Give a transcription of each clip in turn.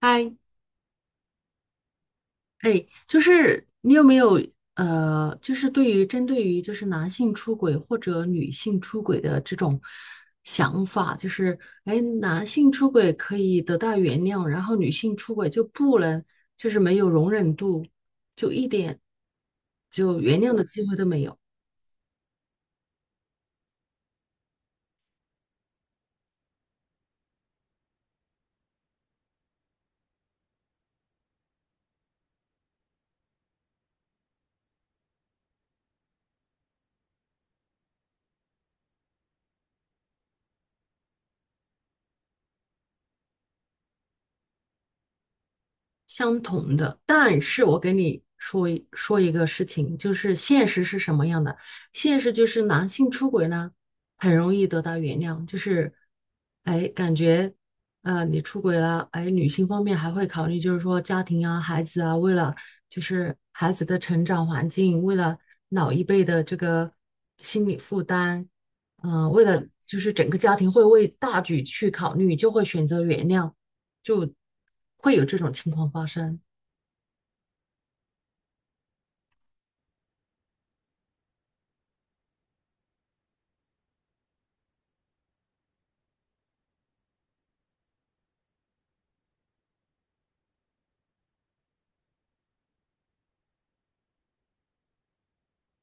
嗨，哎，就是你有没有就是针对于就是男性出轨或者女性出轨的这种想法，就是哎，男性出轨可以得到原谅，然后女性出轨就不能，就是没有容忍度，就一点就原谅的机会都没有。相同的，但是我给你说一说一个事情，就是现实是什么样的？现实就是男性出轨呢，很容易得到原谅，就是，哎，感觉，你出轨了，哎，女性方面还会考虑，就是说家庭啊、孩子啊，为了就是孩子的成长环境，为了老一辈的这个心理负担，为了就是整个家庭会为大局去考虑，就会选择原谅。就会有这种情况发生。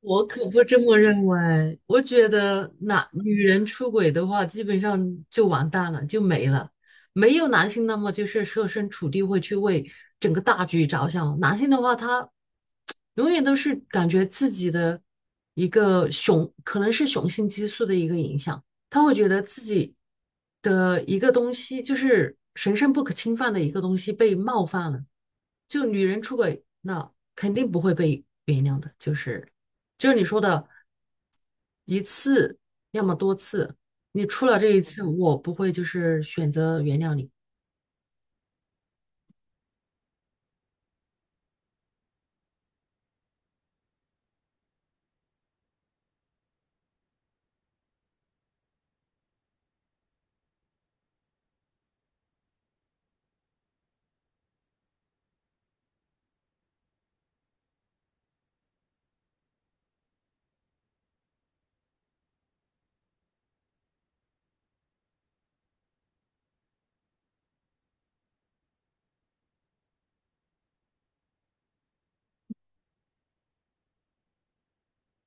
我可不这么认为，我觉得男女人出轨的话，基本上就完蛋了，就没了。没有男性那么就是设身处地会去为整个大局着想，男性的话他永远都是感觉自己的一个雄，可能是雄性激素的一个影响，他会觉得自己的一个东西，就是神圣不可侵犯的一个东西被冒犯了。就女人出轨，那肯定不会被原谅的，就是你说的一次，要么多次，你出了这一次，我不会就是选择原谅你。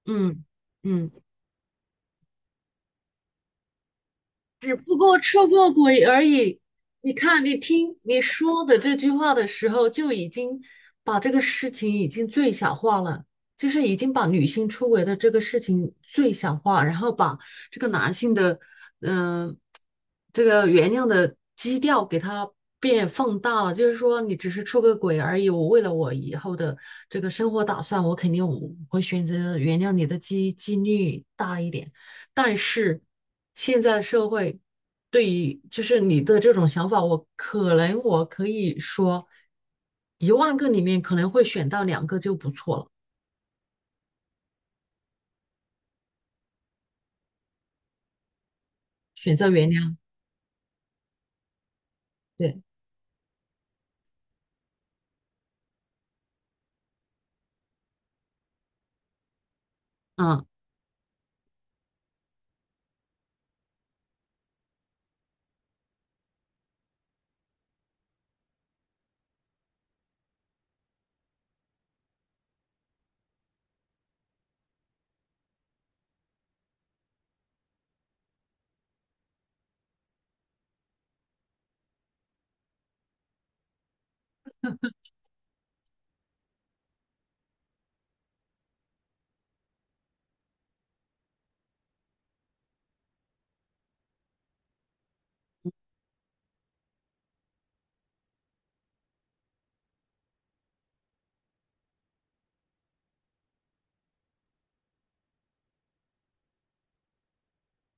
嗯嗯。只不过出过轨而已。你看，你听你说的这句话的时候，就已经把这个事情已经最小化了，就是已经把女性出轨的这个事情最小化，然后把这个男性的，嗯、这个原谅的基调给它变放大了。就是说，你只是出个轨而已，我为了我以后的这个生活打算，我肯定会选择原谅你的几率大一点。但是现在的社会对于就是你的这种想法，我可能我可以说，一万个里面可能会选到两个就不错了，选择原谅。对，嗯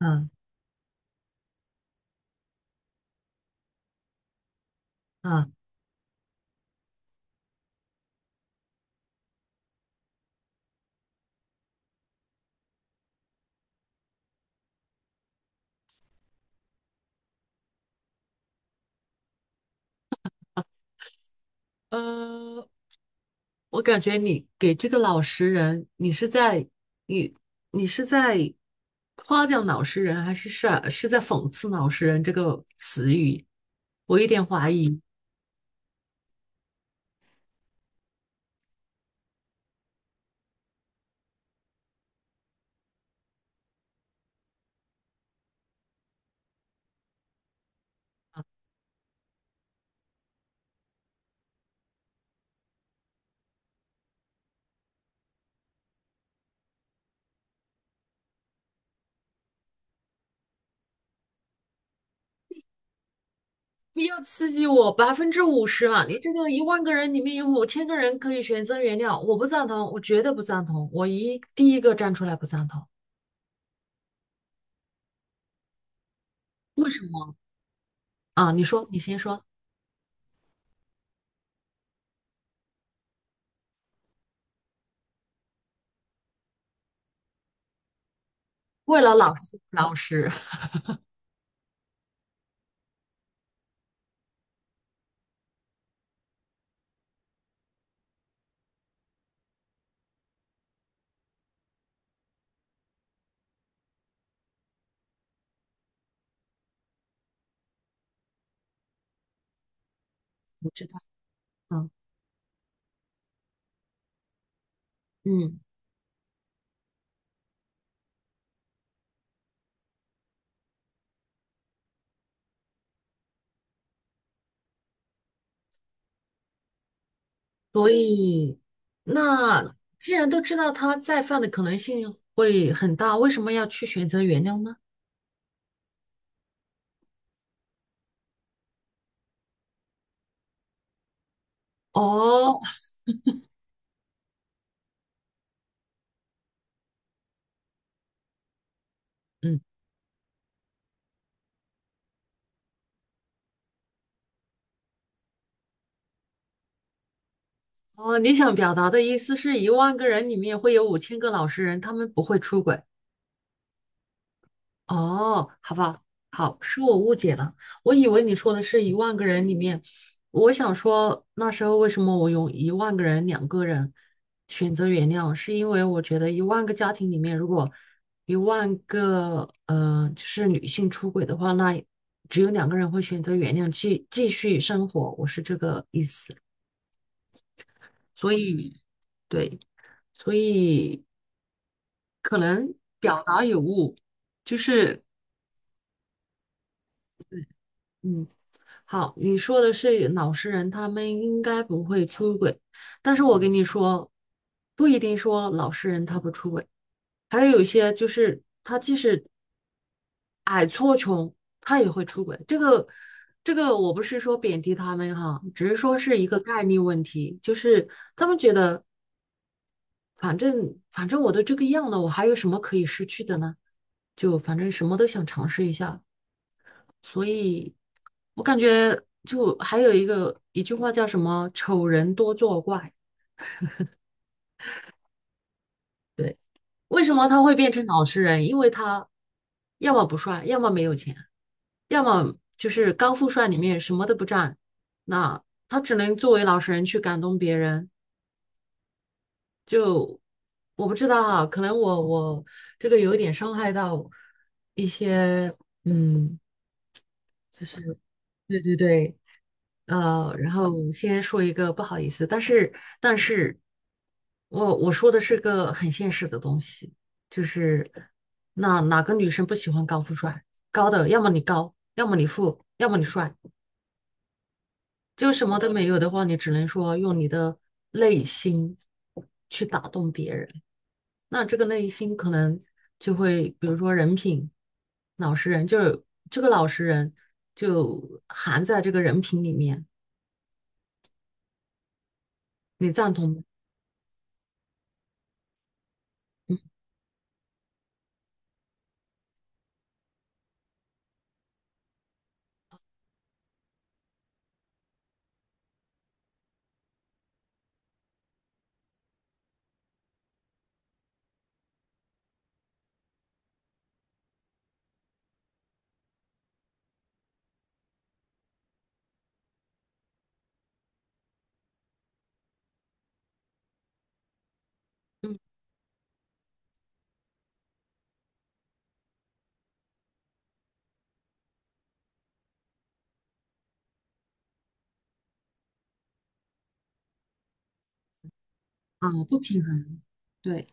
嗯嗯呃，我感觉你给这个老实人，你是在夸奖老实人，还是在讽刺老实人这个词语？我有点怀疑。不要刺激我，50%啊！你这个一万个人里面有5000个人可以选择原谅，我不赞同，我绝对不赞同，我第一个站出来不赞同。为什么啊？你说，你先说。为了老师，老实，我知道，嗯嗯，所以那既然都知道他再犯的可能性会很大，为什么要去选择原谅呢？哦，嗯，哦，你想表达的意思是一万个人里面会有五千个老实人，他们不会出轨。哦，好吧，好，是我误解了，我以为你说的是一万个人里面，我想说那时候为什么我用一万个人、两个人选择原谅，是因为我觉得1万个家庭里面，如果一万个就是女性出轨的话，那只有两个人会选择原谅，继续生活，我是这个意思，所以对，所以可能表达有误，就是嗯。好，你说的是老实人，他们应该不会出轨。但是我跟你说，不一定说老实人他不出轨，还有有些就是他即使矮矬穷，他也会出轨。这个，我不是说贬低他们哈，只是说是一个概率问题，就是他们觉得反正我都这个样了，我还有什么可以失去的呢？就反正什么都想尝试一下，所以我感觉就还有一句话叫什么“丑人多作怪”，为什么他会变成老实人？因为他要么不帅，要么没有钱，要么就是高富帅里面什么都不占，那他只能作为老实人去感动别人。就我不知道啊，可能我这个有一点伤害到一些，嗯，就是对对对，然后先说一个不好意思，但是我说的是个很现实的东西，就是那哪个女生不喜欢高富帅？高的，要么你高，要么你富，要么你帅，就什么都没有的话，你只能说用你的内心去打动别人。那这个内心可能就会，比如说人品、老实人，就是这个老实人就含在这个人品里面，你赞同吗？嗯啊，不平衡，对，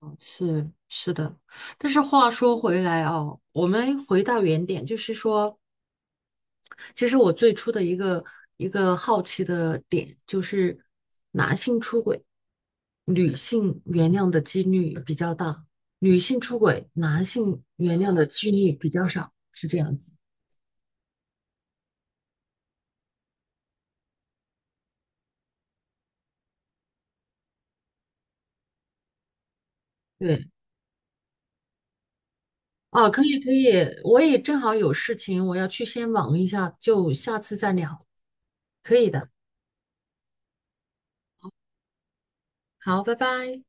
哦是是的。但是话说回来哦，我们回到原点，就是说。其实我最初的一个好奇的点就是男性出轨，女性原谅的几率比较大，女性出轨，男性原谅的几率比较少，是这样子。对，啊，可以可以，我也正好有事情，我要去先忙一下，就下次再聊。可以的，好，拜拜。